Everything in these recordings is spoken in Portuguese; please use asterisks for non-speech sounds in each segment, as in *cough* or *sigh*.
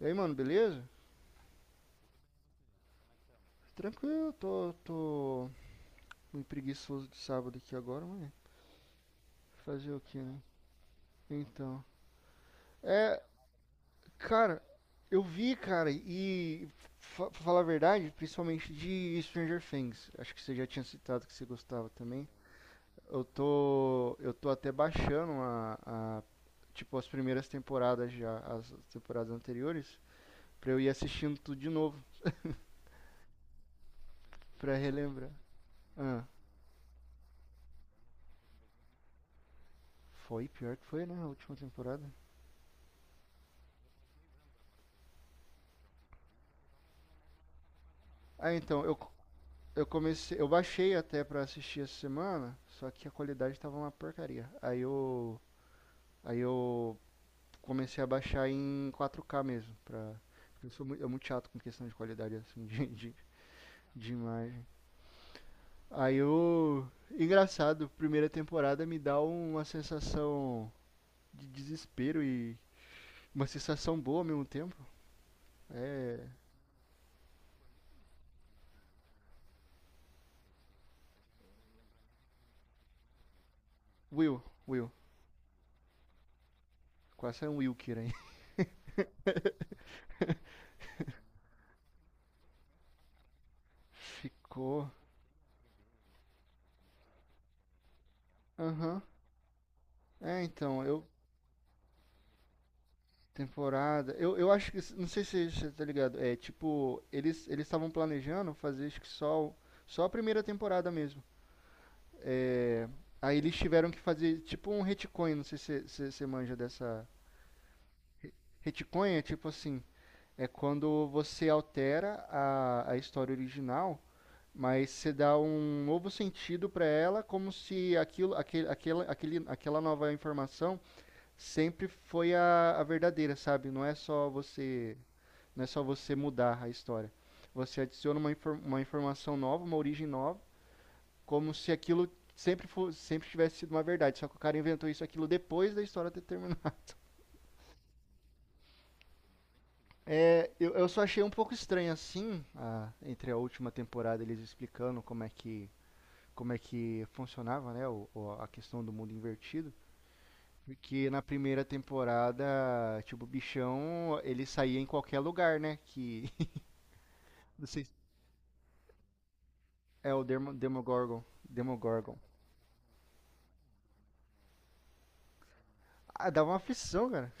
E aí, mano, beleza? Tranquilo, tô meio preguiçoso de sábado aqui agora, mas fazer o que, né? Então, é, cara, eu vi, cara, e pra falar a verdade, principalmente de Stranger Things. Acho que você já tinha citado que você gostava também. Eu tô até baixando a tipo as primeiras temporadas já, as temporadas anteriores, pra eu ir assistindo tudo de novo, pra relembrar. Ah, foi pior que foi, né, a última temporada. Ah, então, eu comecei, eu baixei até pra assistir essa semana, só que a qualidade tava uma porcaria. Aí eu comecei a baixar em 4K mesmo, pra, porque eu sou muito, eu muito chato com questão de qualidade assim *laughs* de imagem. Aí eu, engraçado, primeira temporada me dá uma sensação de desespero e uma sensação boa ao mesmo tempo. É, Will, Will, quase é um Wilker aí. *laughs* Ficou. Aham. É, então, eu temporada. Eu acho que. Não sei se você tá ligado. É tipo, eles estavam planejando fazer acho que só, só a primeira temporada mesmo. É, aí eles tiveram que fazer tipo um retcon. Não sei se você manja dessa. Retcon é tipo assim: é quando você altera a história original, mas você dá um novo sentido para ela, como se aquilo, aquele, aquela nova informação sempre foi a verdadeira, sabe? Não é só você. Não é só você mudar a história. Você adiciona uma, uma informação nova, uma origem nova, como se aquilo sempre, sempre tivesse sido uma verdade. Só que o cara inventou isso aquilo depois da história ter terminado. *laughs* É, eu só achei um pouco estranho assim, entre a última temporada eles explicando como é que funcionava, né, o, a questão do mundo invertido. Porque na primeira temporada, tipo, o bichão, ele saía em qualquer lugar, né? Que. *laughs* Não sei é o Demogorgon. Demogorgon. Ah, dava uma aflição, cara.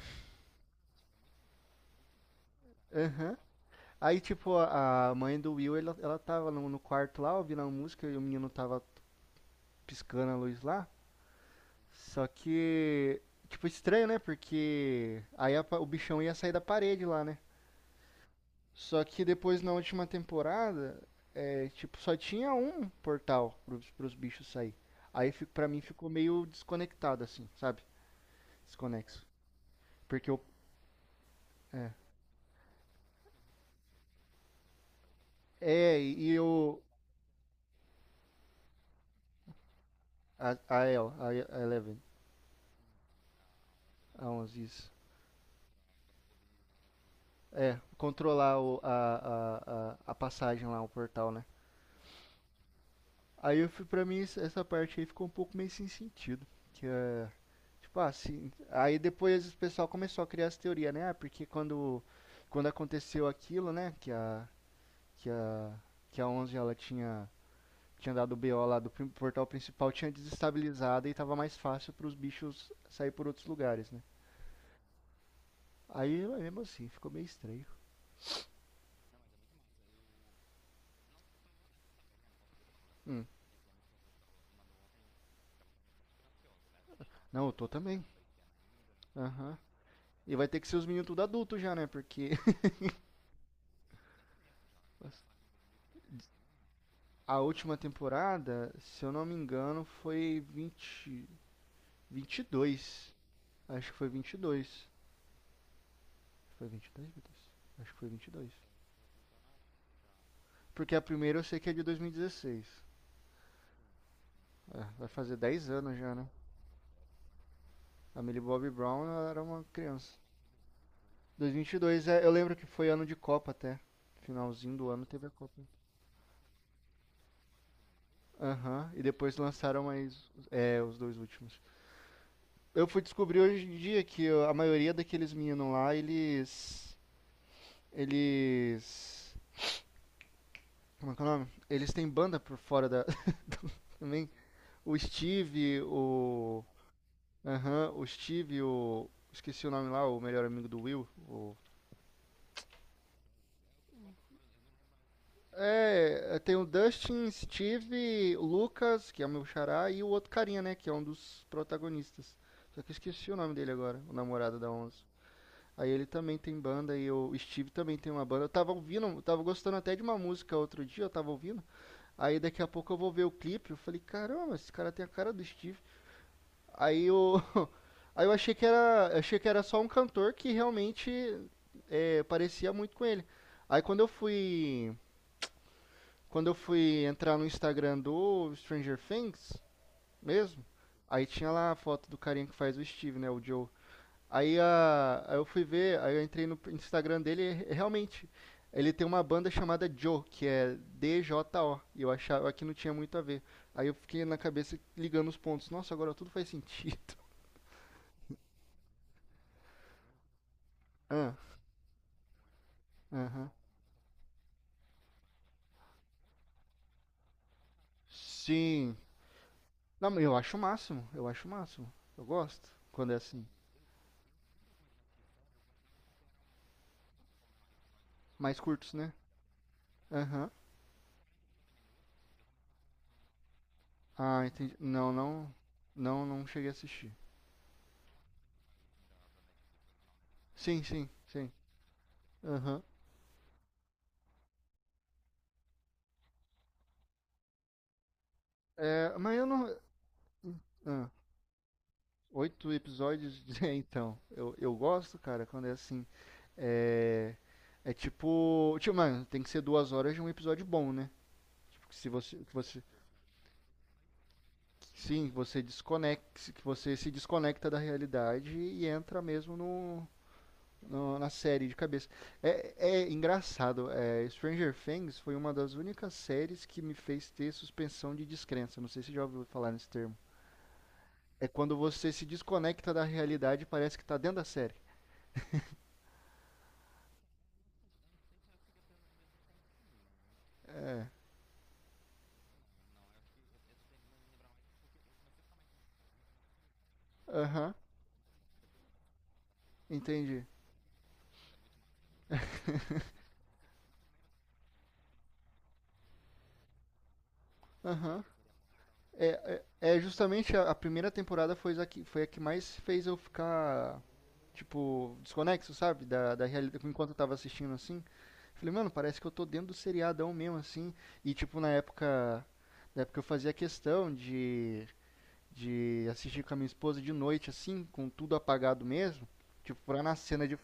Aham. Aí, tipo, a mãe do Will, ela tava no quarto lá, ouvindo a música, e o menino tava piscando a luz lá. Só que, tipo, estranho, né? Porque aí o bichão ia sair da parede lá, né? Só que depois, na última temporada, é, tipo, só tinha um portal pros bichos sair. Aí, pra mim, ficou meio desconectado, assim, sabe? Desconexo. Porque o... É, é e o... A Eleven, a onze isso. É, controlar a passagem lá, o portal, né? Aí eu fui, pra mim, essa parte aí ficou um pouco meio sem sentido. Que é. Tipo, assim. Aí depois o pessoal começou a criar essa teoria, né? Ah, porque quando, aconteceu aquilo, né? Que a, que a onze ela tinha, dado o BO lá do portal principal, tinha desestabilizado e tava mais fácil pros bichos sair por outros lugares, né? Aí, mas mesmo assim, ficou meio estranho. Hum. Não, eu tô também. Aham. E vai ter que ser os meninos tudo adulto já, né? Porque *laughs* a última temporada, se eu não me engano, foi 22. Acho que foi 22. Foi 22, meu Deus? Acho que foi vinte e dois. Porque a primeira eu sei que é de 2016. É, vai fazer 10 anos já, né? A Millie Bobby Brown era uma criança. 2022, é, eu lembro que foi ano de Copa até. Finalzinho do ano teve a Copa. Aham, uhum. E depois lançaram mais, é, os dois últimos. Eu fui descobrir hoje em dia que a maioria daqueles meninos lá, eles. Eles. Como é que é o nome? Eles têm banda por fora da. *laughs* Também. O Steve, o. Aham, o Steve, o. Esqueci o nome lá, o melhor amigo do Will. É, tem o Dustin, Steve, o Lucas, que é o meu xará, e o outro carinha, né? Que é um dos protagonistas. Só que eu esqueci o nome dele agora, o namorado da Onze. Aí ele também tem banda e o Steve também tem uma banda. Eu tava ouvindo, eu tava gostando até de uma música outro dia, eu tava ouvindo. Aí daqui a pouco eu vou ver o clipe, eu falei, caramba, esse cara tem a cara do Steve. Aí eu, *laughs* aí eu achei que era só um cantor que realmente é, parecia muito com ele. Aí quando eu fui entrar no Instagram do Stranger Things mesmo, aí tinha lá a foto do carinha que faz o Steve, né, o Joe. Aí, a, aí eu fui ver, aí eu entrei no Instagram dele e realmente ele tem uma banda chamada Joe, que é DJO, e eu achava que não tinha muito a ver. Aí eu fiquei na cabeça ligando os pontos. Nossa, agora tudo faz sentido. *laughs* Ah, aham. Sim. Não, mas eu acho o máximo, eu acho o máximo. Eu gosto quando é assim. Mais curtos, né? Aham. Ah, entendi. Não, não, não, não cheguei a assistir. Sim, sim, sim. Aham. É, mas eu não. Ah. Oito episódios. *laughs* É, então, eu gosto, cara, quando é assim. É, é tipo, tipo, mano, tem que ser 2 horas de um episódio bom, né? Tipo, que se você, que você, que sim, que você desconecta, que você se desconecta da realidade e entra mesmo no, na série de cabeça. É, é engraçado. É, Stranger Things foi uma das únicas séries que me fez ter suspensão de descrença. Não sei se já ouviu falar nesse termo. É quando você se desconecta da realidade e parece que tá dentro da série. Aham. Entendi. Aham. É, é, é justamente a primeira temporada foi a que mais fez eu ficar, tipo, desconexo, sabe? Da realidade. Enquanto eu tava assistindo assim. Falei, mano, parece que eu tô dentro do seriadão mesmo, assim. E, tipo, na época. Na época eu fazia questão de assistir com a minha esposa de noite, assim, com tudo apagado mesmo. Tipo,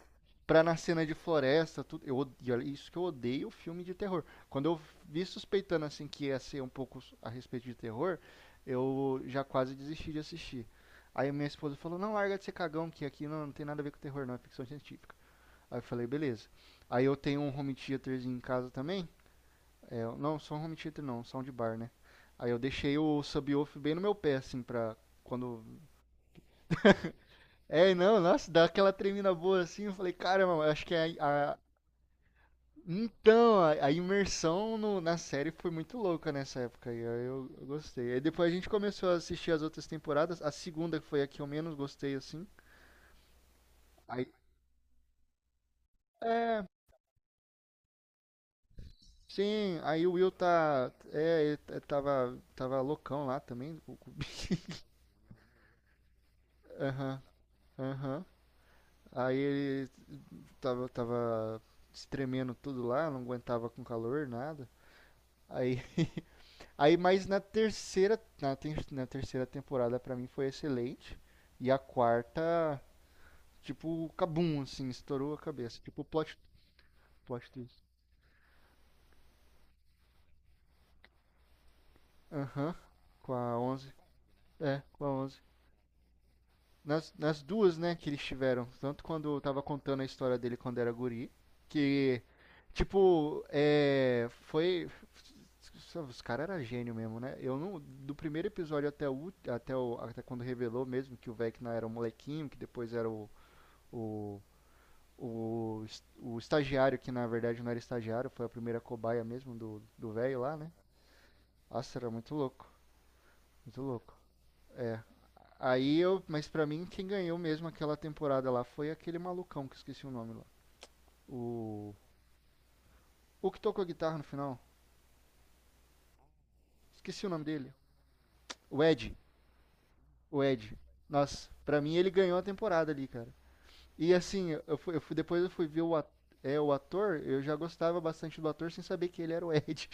pra na cena de floresta, tudo. Eu, isso que eu odeio filme de terror. Quando eu vi suspeitando assim que ia ser um pouco a respeito de terror, eu já quase desisti de assistir. Aí minha esposa falou: "Não, larga de ser cagão, que aqui não, tem nada a ver com terror, não, é ficção científica". Aí eu falei: "Beleza". Aí eu tenho um home theaterzinho em casa também. É, não, só um home theater não, um soundbar, né? Aí eu deixei o subwoofer bem no meu pé assim pra quando é, não, nossa, dá aquela tremida boa assim. Eu falei, caramba, acho que é então, a imersão na série foi muito louca nessa época e aí eu gostei. Aí depois a gente começou a assistir as outras temporadas. A segunda foi a que eu menos gostei, assim. Aí, é, sim, aí o Will tá. É, é, tava loucão lá também. *laughs* Aham, aham. Aí ele tava se tremendo tudo lá, não aguentava com calor, nada. Aí, *laughs* aí mas na terceira, na terceira temporada pra mim foi excelente. E a quarta, tipo, cabum, assim, estourou a cabeça. Tipo, plot twist. Aham, com a onze. É, com a onze. Nas duas, né, que eles tiveram. Tanto quando eu tava contando a história dele quando era guri, que, tipo, é, foi... Os caras eram gênio mesmo, né? Eu não, do primeiro episódio até o, até o, até quando revelou mesmo que o Vecna era um molequinho, que depois era o, o estagiário, que na verdade não era estagiário, foi a primeira cobaia mesmo do velho lá, né? Nossa, era muito louco, muito louco. É. Aí eu, mas pra mim quem ganhou mesmo aquela temporada lá foi aquele malucão que eu esqueci o nome lá. O o que tocou a guitarra no final? Esqueci o nome dele. O Ed, o Ed. Nossa, pra mim ele ganhou a temporada ali, cara. E assim, eu fui, depois eu fui ver o, é, o ator, eu já gostava bastante do ator sem saber que ele era o Ed.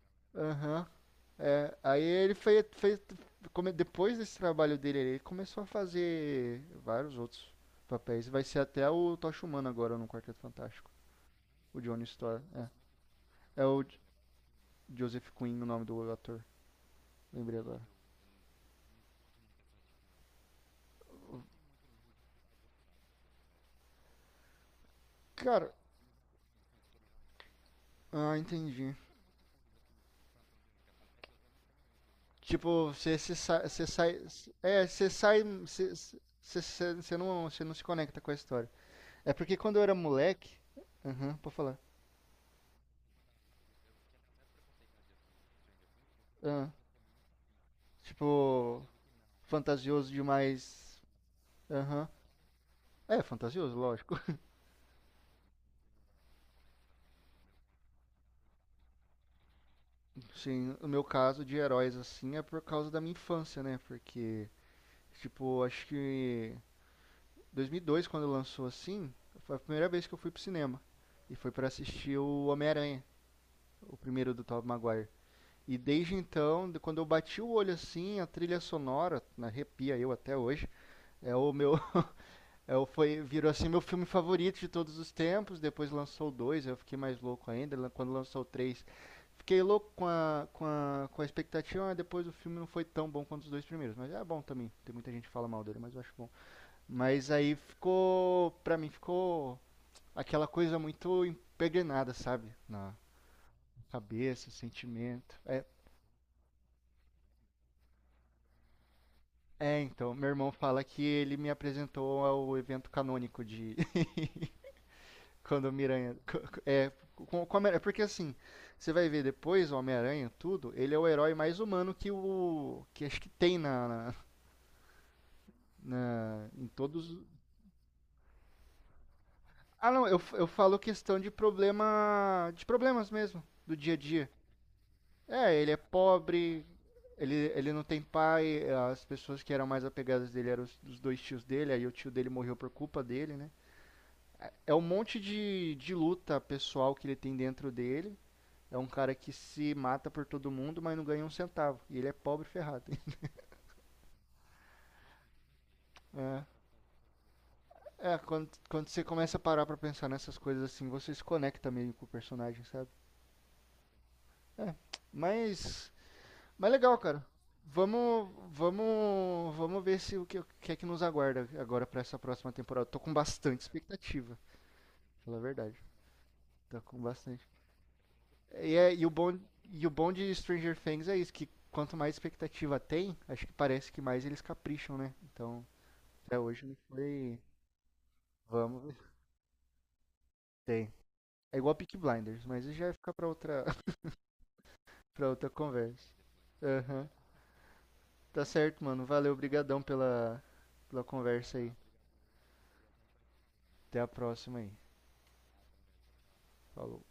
*laughs* Aham. É, aí ele foi, depois desse trabalho dele, ele começou a fazer vários outros papéis. Vai ser até o Tocha Humana agora no Quarteto Fantástico. O Johnny Storr. É, é Joseph Quinn o nome do ator. Lembrei agora. Cara, ah, entendi. Tipo, você sai, você sai, é, você sai, você não se conecta com a história. É porque quando eu era moleque, aham, pode falar. Ah, tipo, fantasioso demais. Aham. É fantasioso, lógico. *laughs* Sim, o meu caso de heróis assim é por causa da minha infância, né? Porque, tipo, acho que 2002 quando lançou assim, foi a primeira vez que eu fui pro cinema e foi pra assistir o Homem-Aranha, o primeiro do Tobey Maguire. E desde então, quando eu bati o olho assim, a trilha sonora, né, arrepia eu até hoje, é o meu *laughs* eu foi, virou assim meu filme favorito de todos os tempos. Depois lançou o dois, eu fiquei mais louco ainda. Quando lançou o três, fiquei louco com com a expectativa, mas depois o filme não foi tão bom quanto os dois primeiros. Mas é bom também. Tem muita gente que fala mal dele, mas eu acho bom. Mas aí ficou, pra mim, ficou aquela coisa muito impregnada, sabe? Na cabeça, sentimento. É, é, então, meu irmão fala que ele me apresentou ao evento canônico de, quando o Miranha. É, com o. Porque assim, você vai ver depois o Homem-Aranha, tudo, ele é o herói mais humano que o. Que acho que tem na. Na- em todos. Ah, não, eu falo questão de problema. De problemas mesmo, do dia a dia. É, ele é pobre, ele não tem pai, as pessoas que eram mais apegadas dele eram os dois tios dele, aí o tio dele morreu por culpa dele, né? É um monte de luta pessoal que ele tem dentro dele. É um cara que se mata por todo mundo, mas não ganha um centavo. E ele é pobre ferrado. *laughs* É. É, quando você começa a parar pra pensar nessas coisas assim, você se conecta meio com o personagem, sabe? É. Mas. Mas legal, cara. Vamos. Vamos. Vamos ver se o que, o que é que nos aguarda agora pra essa próxima temporada. Tô com bastante expectativa, pra falar a verdade. Tô com bastante. E, é, e o bom de Stranger Things é isso, que quanto mais expectativa tem, acho que parece que mais eles capricham, né? Então. Até hoje não foi. Vamos, tem. É igual Peak Blinders, mas isso já vai ficar pra outra, *laughs* pra outra conversa. Aham. Tá certo, mano. Valeu, brigadão pela conversa aí. Até a próxima aí. Falou.